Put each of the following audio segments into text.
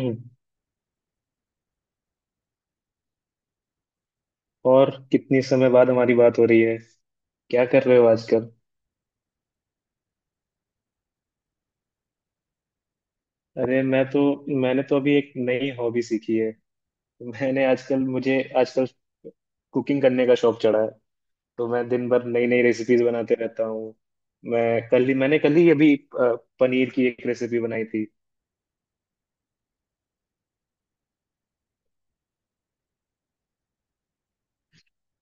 हम्म। और कितनी समय बाद हमारी बात हो रही है? क्या कर रहे हो आजकल? अरे मैंने तो अभी एक नई हॉबी सीखी है। मैंने आजकल मुझे आजकल कुकिंग करने का शौक चढ़ा है। तो मैं दिन भर नई नई रेसिपीज बनाते रहता हूँ। मैं मैंने कल ही अभी अ, पनीर की एक रेसिपी बनाई थी।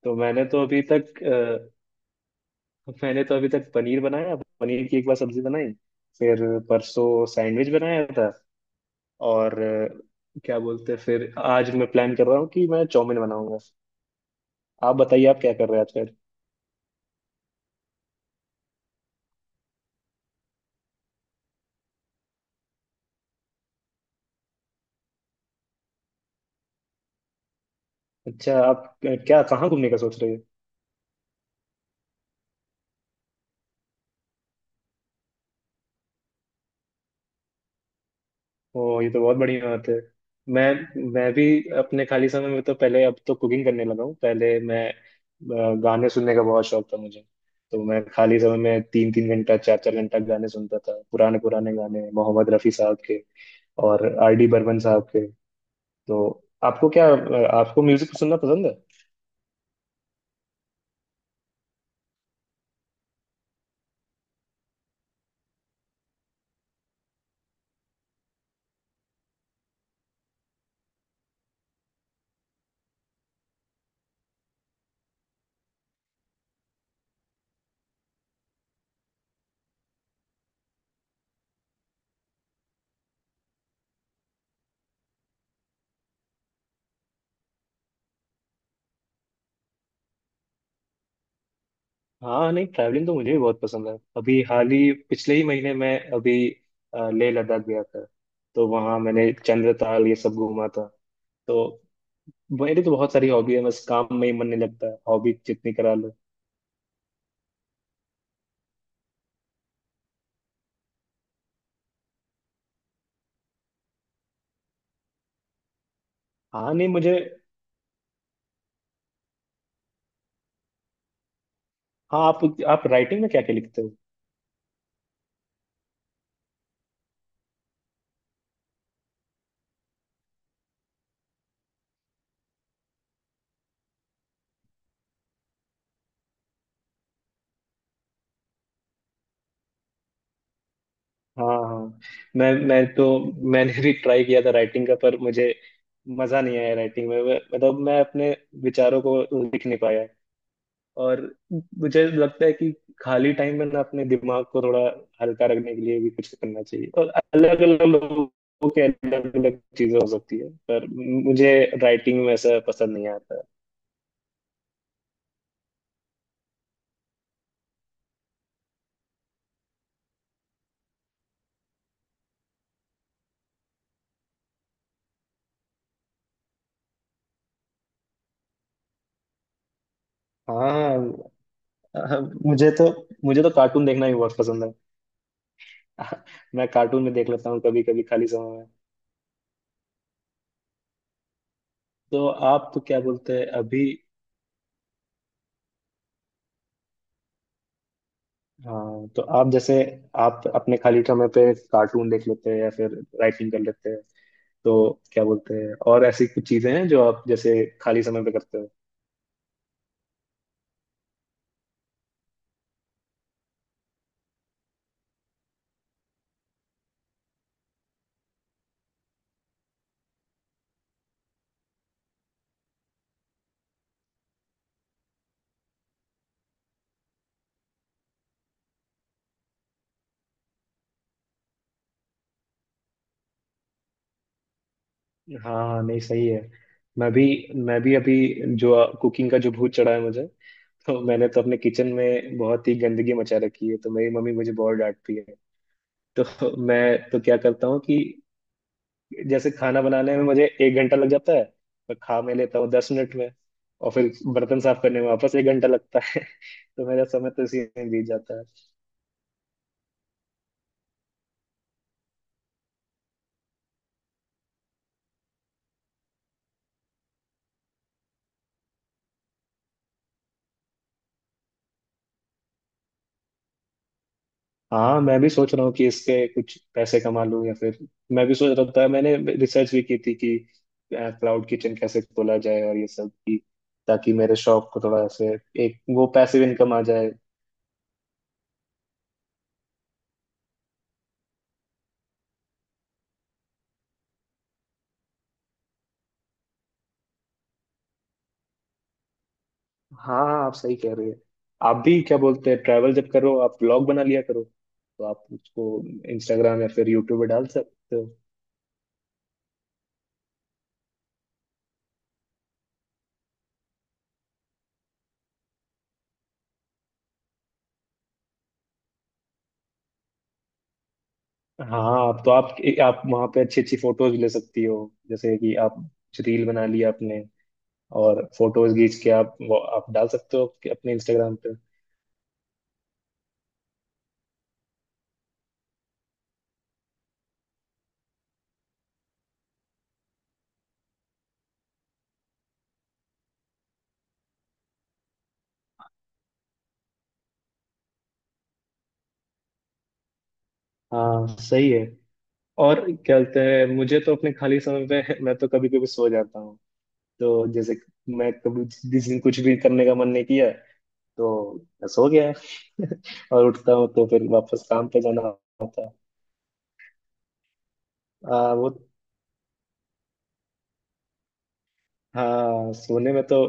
तो मैंने तो अभी तक पनीर बनाया। पनीर की एक बार सब्जी बनाई। फिर परसों सैंडविच बनाया था। और क्या बोलते हैं, फिर आज मैं प्लान कर रहा हूँ कि मैं चाउमीन बनाऊंगा। आप बताइए, आप क्या कर रहे हैं आजकल? अच्छा, आप क्या कहाँ घूमने का सोच रहे हो? ओ, ये तो बहुत बढ़िया बात है। मैं भी अपने खाली समय में, तो पहले अब तो कुकिंग करने लगा हूँ। पहले गाने सुनने का बहुत शौक था मुझे। तो मैं खाली समय में तीन तीन घंटा चार चार घंटा गाने सुनता था, पुराने पुराने गाने, मोहम्मद रफ़ी साहब के और आर डी बर्मन साहब के। तो आपको क्या आपको म्यूजिक सुनना पसंद है? हाँ, नहीं ट्रैवलिंग तो मुझे भी बहुत पसंद है। अभी हाल ही, पिछले ही महीने, मैं अभी लेह लद्दाख गया था। तो वहाँ मैंने चंद्रताल ये सब घूमा था। तो मेरी तो बहुत सारी हॉबी है, बस काम में ही मन नहीं लगता, हॉबी जितनी करा लो। हाँ, नहीं मुझे। हाँ, आप राइटिंग में क्या क्या लिखते हो? हाँ हाँ, मैं मैं तो मैंने भी ट्राई किया था राइटिंग का, पर मुझे मजा नहीं आया राइटिंग में। मतलब मैं अपने विचारों को लिख नहीं पाया। और मुझे लगता है कि खाली टाइम में ना अपने दिमाग को थोड़ा हल्का रखने के लिए भी कुछ करना चाहिए, और अलग अलग लोगों के अलग अलग चीजें हो सकती है, पर मुझे राइटिंग में ऐसा पसंद नहीं आता। हाँ हाँ, मुझे तो मुझे तो कार्टून देखना ही बहुत पसंद है। मैं कार्टून में देख लेता हूँ कभी कभी खाली समय में। तो आप तो क्या बोलते हैं अभी? हाँ, तो आप अपने खाली समय पे कार्टून देख लेते हैं या फिर राइटिंग कर लेते हैं। तो क्या बोलते हैं, और ऐसी कुछ चीजें हैं जो आप जैसे खाली समय पे करते हो? हाँ हाँ, नहीं सही है। मैं भी मैं भी अभी जो कुकिंग का जो भूत चढ़ा है मुझे, तो मैंने तो अपने किचन में बहुत ही गंदगी मचा रखी है, तो मेरी मम्मी मुझे बहुत डांटती है। तो मैं तो क्या करता हूँ कि जैसे खाना बनाने में मुझे एक घंटा लग जाता है, तो खा मैं लेता हूँ दस मिनट में, और फिर बर्तन साफ करने में वापस एक घंटा लगता है। तो मेरा समय तो इसी में बीत जाता है। हाँ, मैं भी सोच रहा हूँ कि इसके कुछ पैसे कमा लूँ, या फिर मैं भी सोच रहा था, मैंने रिसर्च भी की थी कि क्लाउड किचन कैसे खोला जाए और ये सब की, ताकि मेरे शौक को थोड़ा ऐसे एक वो पैसिव इनकम आ जाए। हाँ हाँ, आप सही कह रहे हैं। आप भी क्या बोलते हैं, ट्रैवल जब करो आप ब्लॉग बना लिया करो, तो आप उसको इंस्टाग्राम या फिर यूट्यूब पे डाल सकते हो। हाँ, आप तो आप वहाँ पे अच्छी अच्छी फोटोज ले सकती हो, जैसे कि आप रील बना लिया आपने और फोटोज खींच के आप डाल सकते हो कि अपने इंस्टाग्राम पे। हाँ सही है। और क्या बोलते हैं, मुझे तो अपने खाली समय पे मैं तो कभी कभी सो जाता हूँ। तो जैसे मैं कभी जिस दिन कुछ भी करने का मन नहीं किया, तो बस हो गया है। और उठता हूँ तो फिर वापस काम पे जाना होता है। आ, वो हाँ, सोने में तो।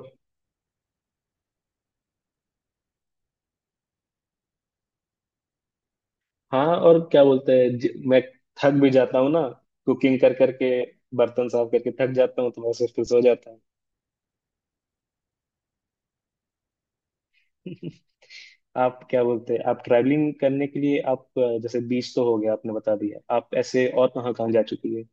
हाँ, और क्या बोलते हैं, मैं थक भी जाता हूँ ना कुकिंग कर करके, बर्तन साफ करके थक जाता हूँ तो बस फिर सो जाता हूँ। आप क्या बोलते हैं, आप ट्रैवलिंग करने के लिए, आप जैसे बीच तो हो गया, आपने बता दिया, आप ऐसे और कहाँ कहाँ जा चुकी है?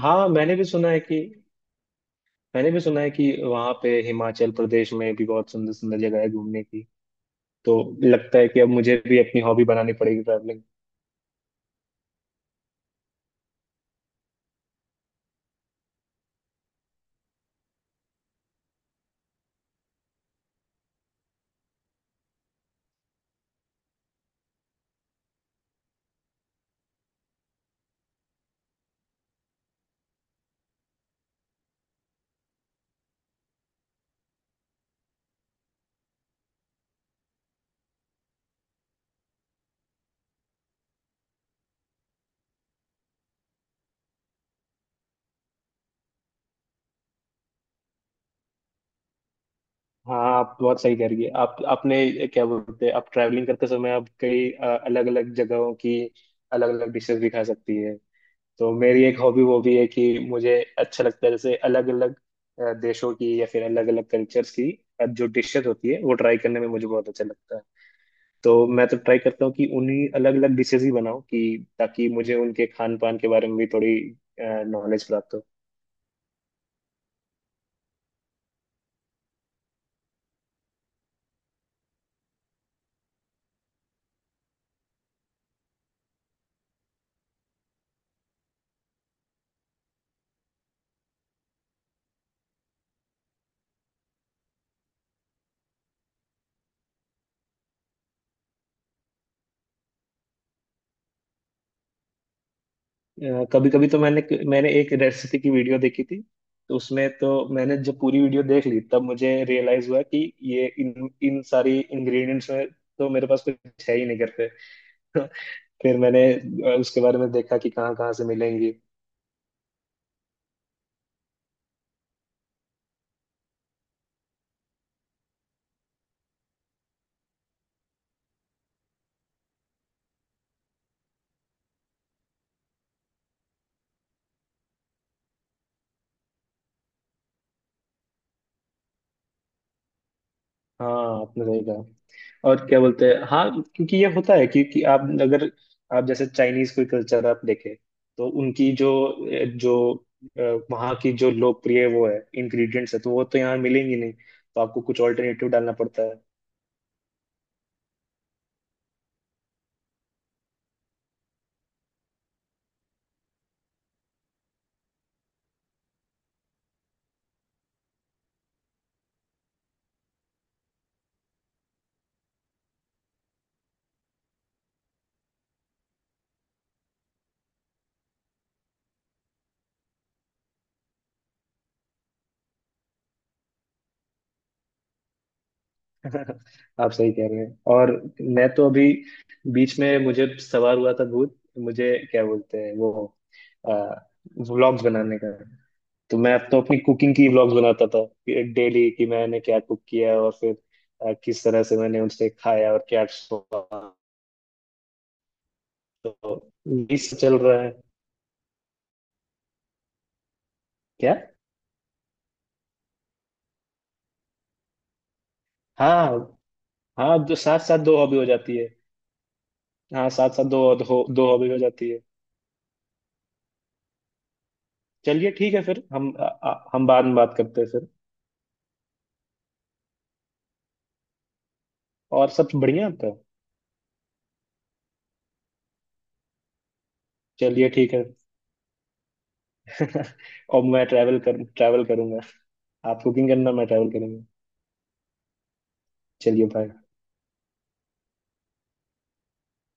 हाँ, मैंने भी सुना है कि मैंने भी सुना है कि वहाँ पे हिमाचल प्रदेश में भी बहुत सुंदर सुंदर जगह है घूमने की, तो लगता है कि अब मुझे भी अपनी हॉबी बनानी पड़ेगी ट्रैवलिंग। हाँ, आप बहुत सही कह रही है। आप आपने क्या बोलते हैं, आप ट्रैवलिंग करते समय आप कई अलग अलग जगहों की अलग अलग डिशेस भी खा सकती है। तो मेरी एक हॉबी वो भी है कि मुझे अच्छा लगता है जैसे अलग अलग देशों की या फिर अलग अलग कल्चर्स की जो डिशेस होती है वो ट्राई करने में मुझे बहुत अच्छा लगता है। तो मैं तो ट्राई करता हूँ कि उन्हीं अलग अलग डिशेस ही बनाऊं कि ताकि मुझे उनके खान पान के बारे में भी थोड़ी नॉलेज प्राप्त हो। कभी कभी तो मैंने मैंने एक रेसिपी की वीडियो देखी थी, तो उसमें तो मैंने जब पूरी वीडियो देख ली तब मुझे रियलाइज हुआ कि ये इन इन सारी इंग्रेडिएंट्स में तो मेरे पास कुछ है ही नहीं करते। फिर मैंने उसके बारे में देखा कि कहाँ कहाँ से मिलेंगी। हाँ, आपने सही कहा, और क्या बोलते हैं, हाँ, क्योंकि ये होता है, क्योंकि आप अगर आप जैसे चाइनीज कोई कल्चर आप देखें, तो उनकी जो जो अ, वहाँ की जो लोकप्रिय वो है इंग्रेडिएंट्स है, तो वो तो यहाँ मिलेंगी नहीं, तो आपको कुछ ऑल्टरनेटिव डालना पड़ता है। आप सही कह रहे हैं। और मैं तो अभी बीच में मुझे सवार हुआ था भूत, मुझे क्या बोलते हैं वो, व्लॉग्स बनाने का। तो मैं तो अपनी कुकिंग की व्लॉग्स बनाता था डेली कि मैंने क्या कुक किया, और फिर किस तरह से मैंने उनसे खाया और क्या स्वाद। तो ये सब चल रहा है क्या? हाँ हाँ, दो साथ साथ दो हॉबी हो जाती है। हाँ साथ साथ दो दो, दो हॉबी हो जाती है। चलिए, ठीक है फिर हम बाद में बात करते हैं फिर, और सब बढ़िया आपका। चलिए, ठीक है। और मैं ट्रैवल करूंगा। आप कुकिंग करना, मैं ट्रैवल करूंगा। चलिए, बाय।